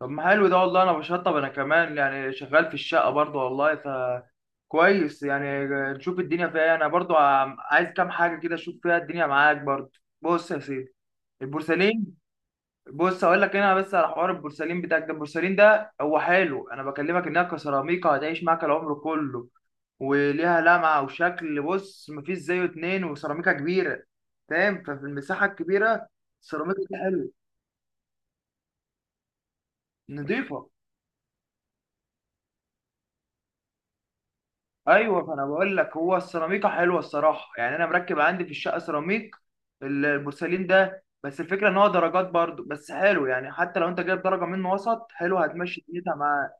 طب، ما حلو ده والله. انا بشطب، انا كمان يعني شغال في الشقه برضه والله. كويس يعني. نشوف الدنيا فيها إيه. انا برضه عايز كام حاجه كده، اشوف فيها الدنيا معاك برضه. بص يا سيدي. البورسلين. بص اقول لك، هنا بس على حوار البورسلين بتاعك ده. البورسلين ده هو حلو، انا بكلمك انها كسيراميكا هتعيش معاك العمر كله، وليها لمعه وشكل. بص مفيش زيه اتنين، وسيراميكا كبيره، فاهم؟ ففي المساحه الكبيره السيراميكا دي حلوه، نضيفه. ايوه، فانا بقول لك هو السيراميكا حلوه الصراحه يعني. انا مركب عندي في الشقه سيراميك، البورسلين ده. بس الفكره ان هو درجات برضو، بس حلو يعني، حتى لو انت جايب درجه منه وسط حلو هتمشي دنيتها معاه.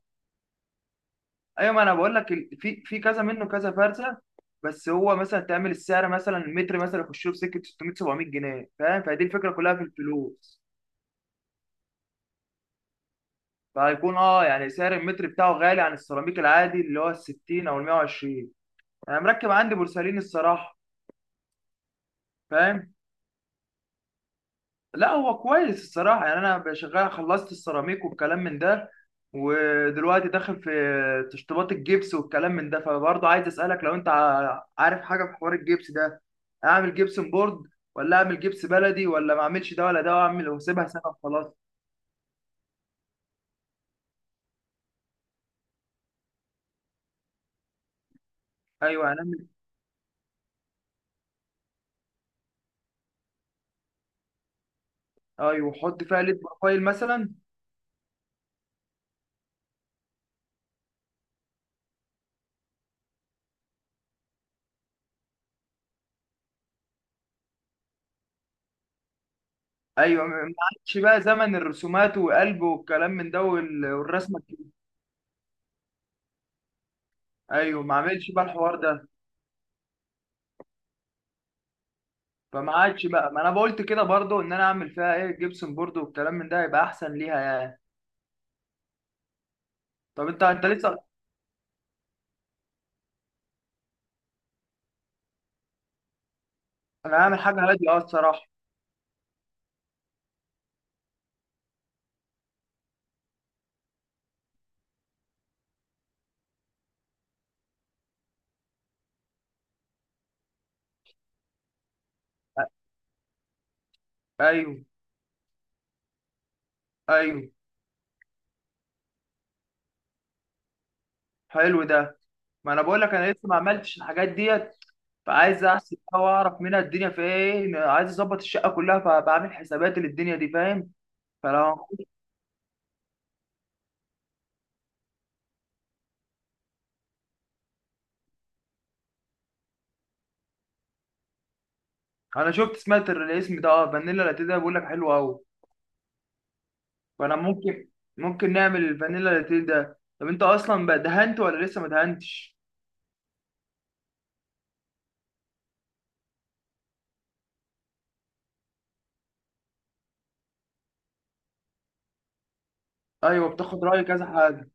ايوه، ما انا بقول لك في كذا منه كذا فرزه. بس هو مثلا تعمل السعر مثلا، المتر مثلا يخش له في سكه 600 700 جنيه، فاهم؟ فدي الفكره كلها في الفلوس. فهيكون يعني سعر المتر بتاعه غالي عن السيراميك العادي اللي هو ال 60 او ال 120. انا مركب عندي بورسلين الصراحه، فاهم؟ لا هو كويس الصراحة يعني. أنا شغال، خلصت السيراميك والكلام من ده، ودلوقتي داخل في تشطيبات الجبس والكلام من ده. فبرضه عايز أسألك لو أنت عارف حاجة في حوار الجبس ده. أعمل جبسن بورد، ولا أعمل جبس بلدي، ولا ما أعملش ده ولا ده وأعمل وأسيبها سنة وخلاص؟ أيوه هنعمل. أيوه وأحط فيها ليد بروفايل مثلا. أيوه، ما عادش بقى زمن الرسومات وقلب والكلام من ده والرسمة الكبيرة. أيوه، ما أعملش بقى الحوار ده. فما عادش بقى، ما انا قلت كده برضو ان انا اعمل فيها ايه، جبسن بورد والكلام من ده، يبقى احسن ليها يعني. طب انت لسه. انا هعمل حاجه هاديه الصراحه. ايوه، ايوه، حلو ده. ما انا بقول لك انا لسه ما عملتش الحاجات ديت. فعايز احسب بقى واعرف منها الدنيا في ايه، عايز اظبط الشقه كلها، فبعمل حسابات للدنيا دي، فاهم؟ فلو. انا شفت سمعت الاسم ده، فانيلا لاتيه، ده بيقول لك حلو قوي. فانا ممكن نعمل الفانيلا لاتيه ده. طب انت اصلا بقى دهنت ولا لسه ما دهنتش؟ ايوه، بتاخد راي كذا حد.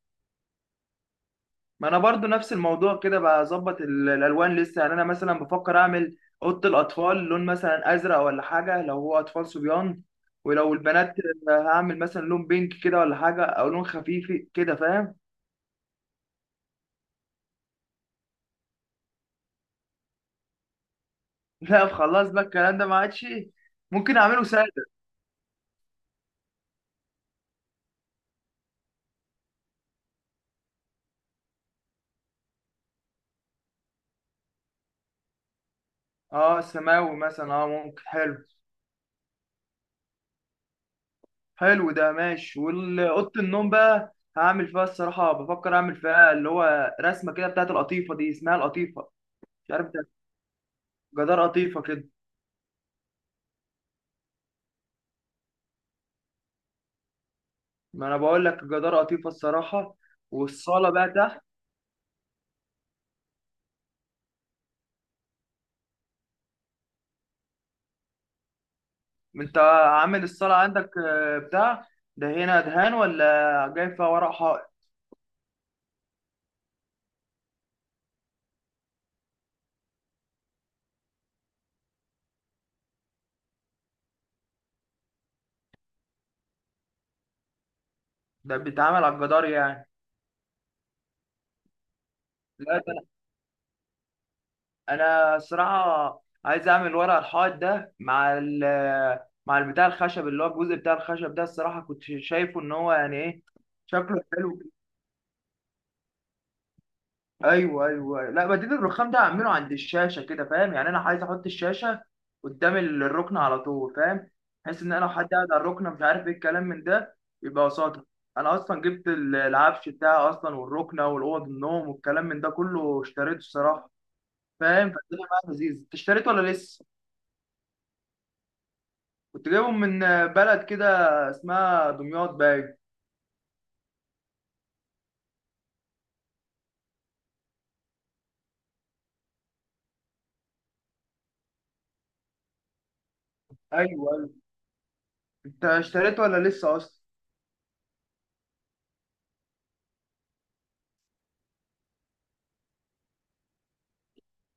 ما انا برضو نفس الموضوع كده، بظبط الالوان لسه يعني. انا مثلا بفكر اعمل اوضه الاطفال لون مثلا ازرق ولا حاجه، لو هو اطفال صبيان. ولو البنات، هعمل مثلا لون بينك كده ولا حاجه، او لون خفيف كده، فاهم؟ لا خلاص بقى، الكلام ده ما عادش. ممكن اعمله ساده. اه، سماوي مثلا، ممكن حلو. حلو ده، ماشي. والاوضه النوم بقى، هعمل فيها الصراحه بفكر اعمل فيها اللي هو رسمه كده بتاعت القطيفه دي، اسمها القطيفه. مش عارف ده، جدار قطيفه كده. ما انا بقول لك جدار قطيفه الصراحه. والصاله بقى تحت. انت عامل الصاله عندك بتاع ده، هنا دهان ولا جاي فيها ورق حائط؟ ده بيتعمل على الجدار يعني؟ لا ده أنا الصراحه عايز اعمل ورق الحائط ده مع مع البتاع الخشب، اللي هو الجزء بتاع الخشب ده. الصراحه كنت شايفه ان هو يعني ايه، شكله حلو. ايوه، ايوه. لا بديل الرخام ده اعمله عند الشاشه كده، فاهم يعني؟ انا عايز احط الشاشه قدام الركن على طول، فاهم؟ بحيث ان انا لو حد قاعد على الركن مش عارف ايه الكلام من ده، يبقى قصادها. انا اصلا جبت العفش بتاعي اصلا، والركنه والاوض النوم والكلام من ده كله اشتريته الصراحه، فاهم؟ فالدنيا معايا لذيذ. انت اشتريته ولا لسه؟ كنت جايبهم من بلد كده، اسمها دمياط باين. ايوه، ايوه. انت اشتريته ولا لسه اصلا؟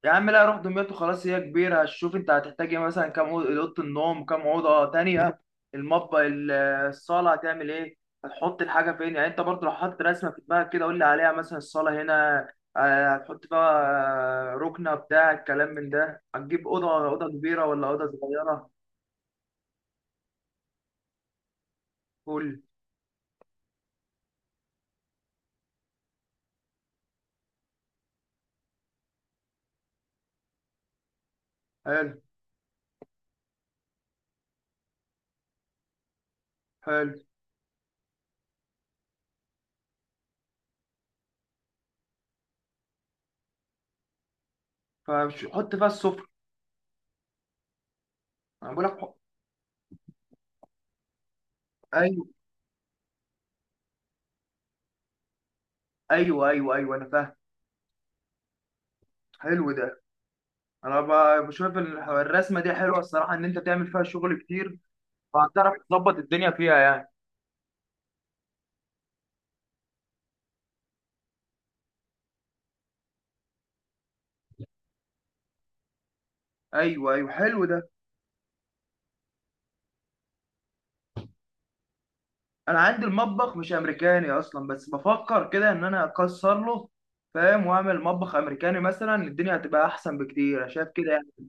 يا عم لا، روح دمياط وخلاص. هي كبيرة، هتشوف انت هتحتاج ايه مثلا. كام اوضة النوم، كام أوضة تانية، المطبخ، الصالة هتعمل ايه، هتحط الحاجة فين. يعني انت برضه لو حاطط رسمة في دماغك كده، قول لي عليها. مثلا الصالة هنا، هتحط بقى ركنة بتاع الكلام من ده؟ هتجيب أوضة كبيرة ولا أوضة صغيرة؟ قول. حلو، حلو، فحط فيها السفرة. انا بقول لك ايوه، ايوه، ايوه، ايوه، انا فاهم. حلو ده. انا بشوف الرسمه دي حلوه الصراحه، ان انت تعمل فيها شغل كتير، وهتعرف تظبط الدنيا فيها يعني. ايوه، ايوه، حلو ده. انا عندي المطبخ مش امريكاني اصلا، بس بفكر كده ان انا اكسر له، فاهم؟ واعمل مطبخ امريكاني مثلا، الدنيا هتبقى احسن بكتير، انا شايف كده يعني.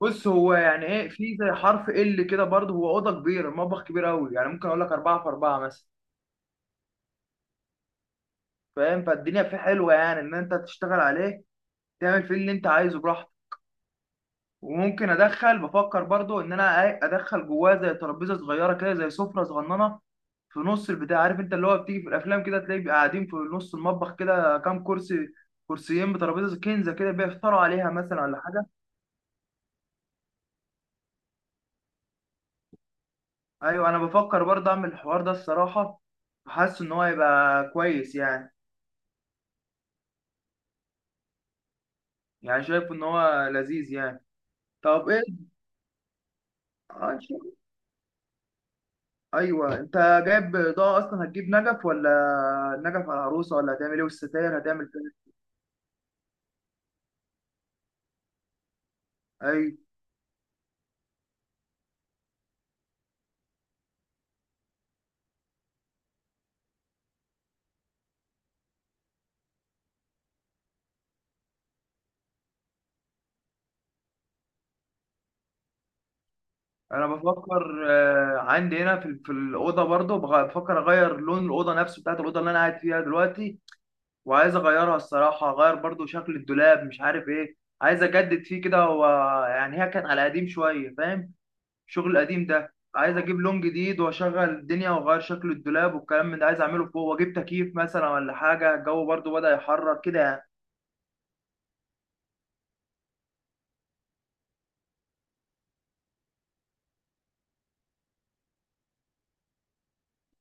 بص هو يعني ايه، في زي حرف ال كده برضه هو. اوضه كبيره، المطبخ كبير قوي يعني، ممكن اقول لك اربعه في اربعه مثلا. فاهم؟ فالدنيا فيه حلوه يعني، ان انت تشتغل عليه تعمل فيه اللي انت عايزه براحتك. وممكن ادخل بفكر برضه ان انا ادخل جواه زي ترابيزه صغيره كده، زي سفره صغننه، في نص البتاع، عارف انت اللي هو بتيجي في الافلام كده، تلاقي بيبقى قاعدين في نص المطبخ كده، كام كرسي، كرسيين بترابيزه كنزه كده، بيفطروا عليها مثلا ولا حاجه. ايوه، انا بفكر برضه اعمل الحوار ده الصراحه، حاسس ان هو هيبقى كويس يعني. يعني شايف ان هو لذيذ يعني. طب ايه، إن شاء الله. ايوه، انت جايب اضاءه اصلا؟ هتجيب نجف ولا، نجف على العروسه، ولا هتعمل ايه؟ والستاير هتعمل فين؟ ايوه، انا بفكر عندي هنا في الاوضه برضو، بفكر اغير لون الاوضه نفسه بتاعت الاوضه اللي انا قاعد فيها دلوقتي. وعايز اغيرها الصراحه، اغير برضو شكل الدولاب مش عارف ايه، عايز اجدد فيه كده. هو يعني هي كانت على قديم شويه، فاهم؟ الشغل القديم ده، عايز اجيب لون جديد واشغل الدنيا واغير شكل الدولاب والكلام من ده، عايز اعمله فوق، واجيب تكييف مثلا ولا حاجه، الجو برضو بدأ يحرر كده يعني.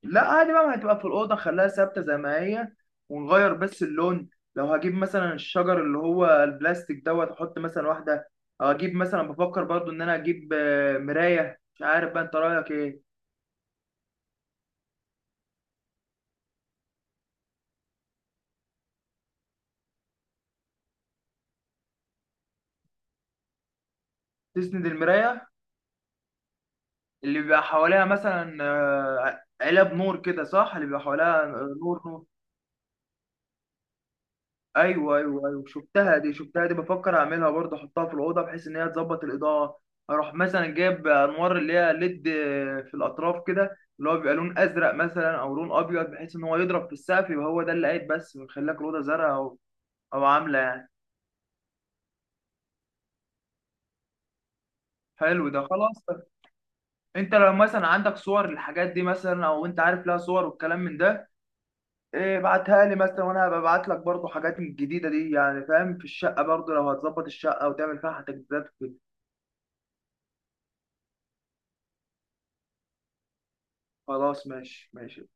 لا عادي بقى، ما هتبقى في الأوضة خليها ثابتة زي ما هي، ونغير بس اللون. لو هجيب مثلا الشجر اللي هو البلاستيك دوت، أحط مثلا واحدة، أو أجيب مثلا، بفكر برضو إن أنا أجيب مراية، مش عارف بقى أنت رأيك إيه. تسند المراية، اللي بيبقى حواليها مثلا علب نور كده، صح؟ اللي بيبقى حواليها نور نور. ايوه، ايوه، ايوه، شفتها دي، شفتها دي بفكر اعملها برضه، احطها في الاوضه بحيث ان هي تظبط الاضاءه. اروح مثلا جايب انوار اللي هي ليد، في الاطراف كده، اللي هو بيبقى لون ازرق مثلا او لون ابيض، بحيث ان هو يضرب في السقف يبقى هو ده اللي قايد بس، ويخلي لك الاوضه زرقاء، او عامله يعني. حلو ده، خلاص. انت لو مثلا عندك صور للحاجات دي مثلا، او انت عارف لها صور والكلام من ده، إيه، ابعتها لي مثلا، وانا هبقى ابعت لك برضه حاجات من الجديده دي يعني، فاهم؟ في الشقه برضه لو هتظبط الشقه وتعمل فيها تجديدات وكده. خلاص ماشي، ماشي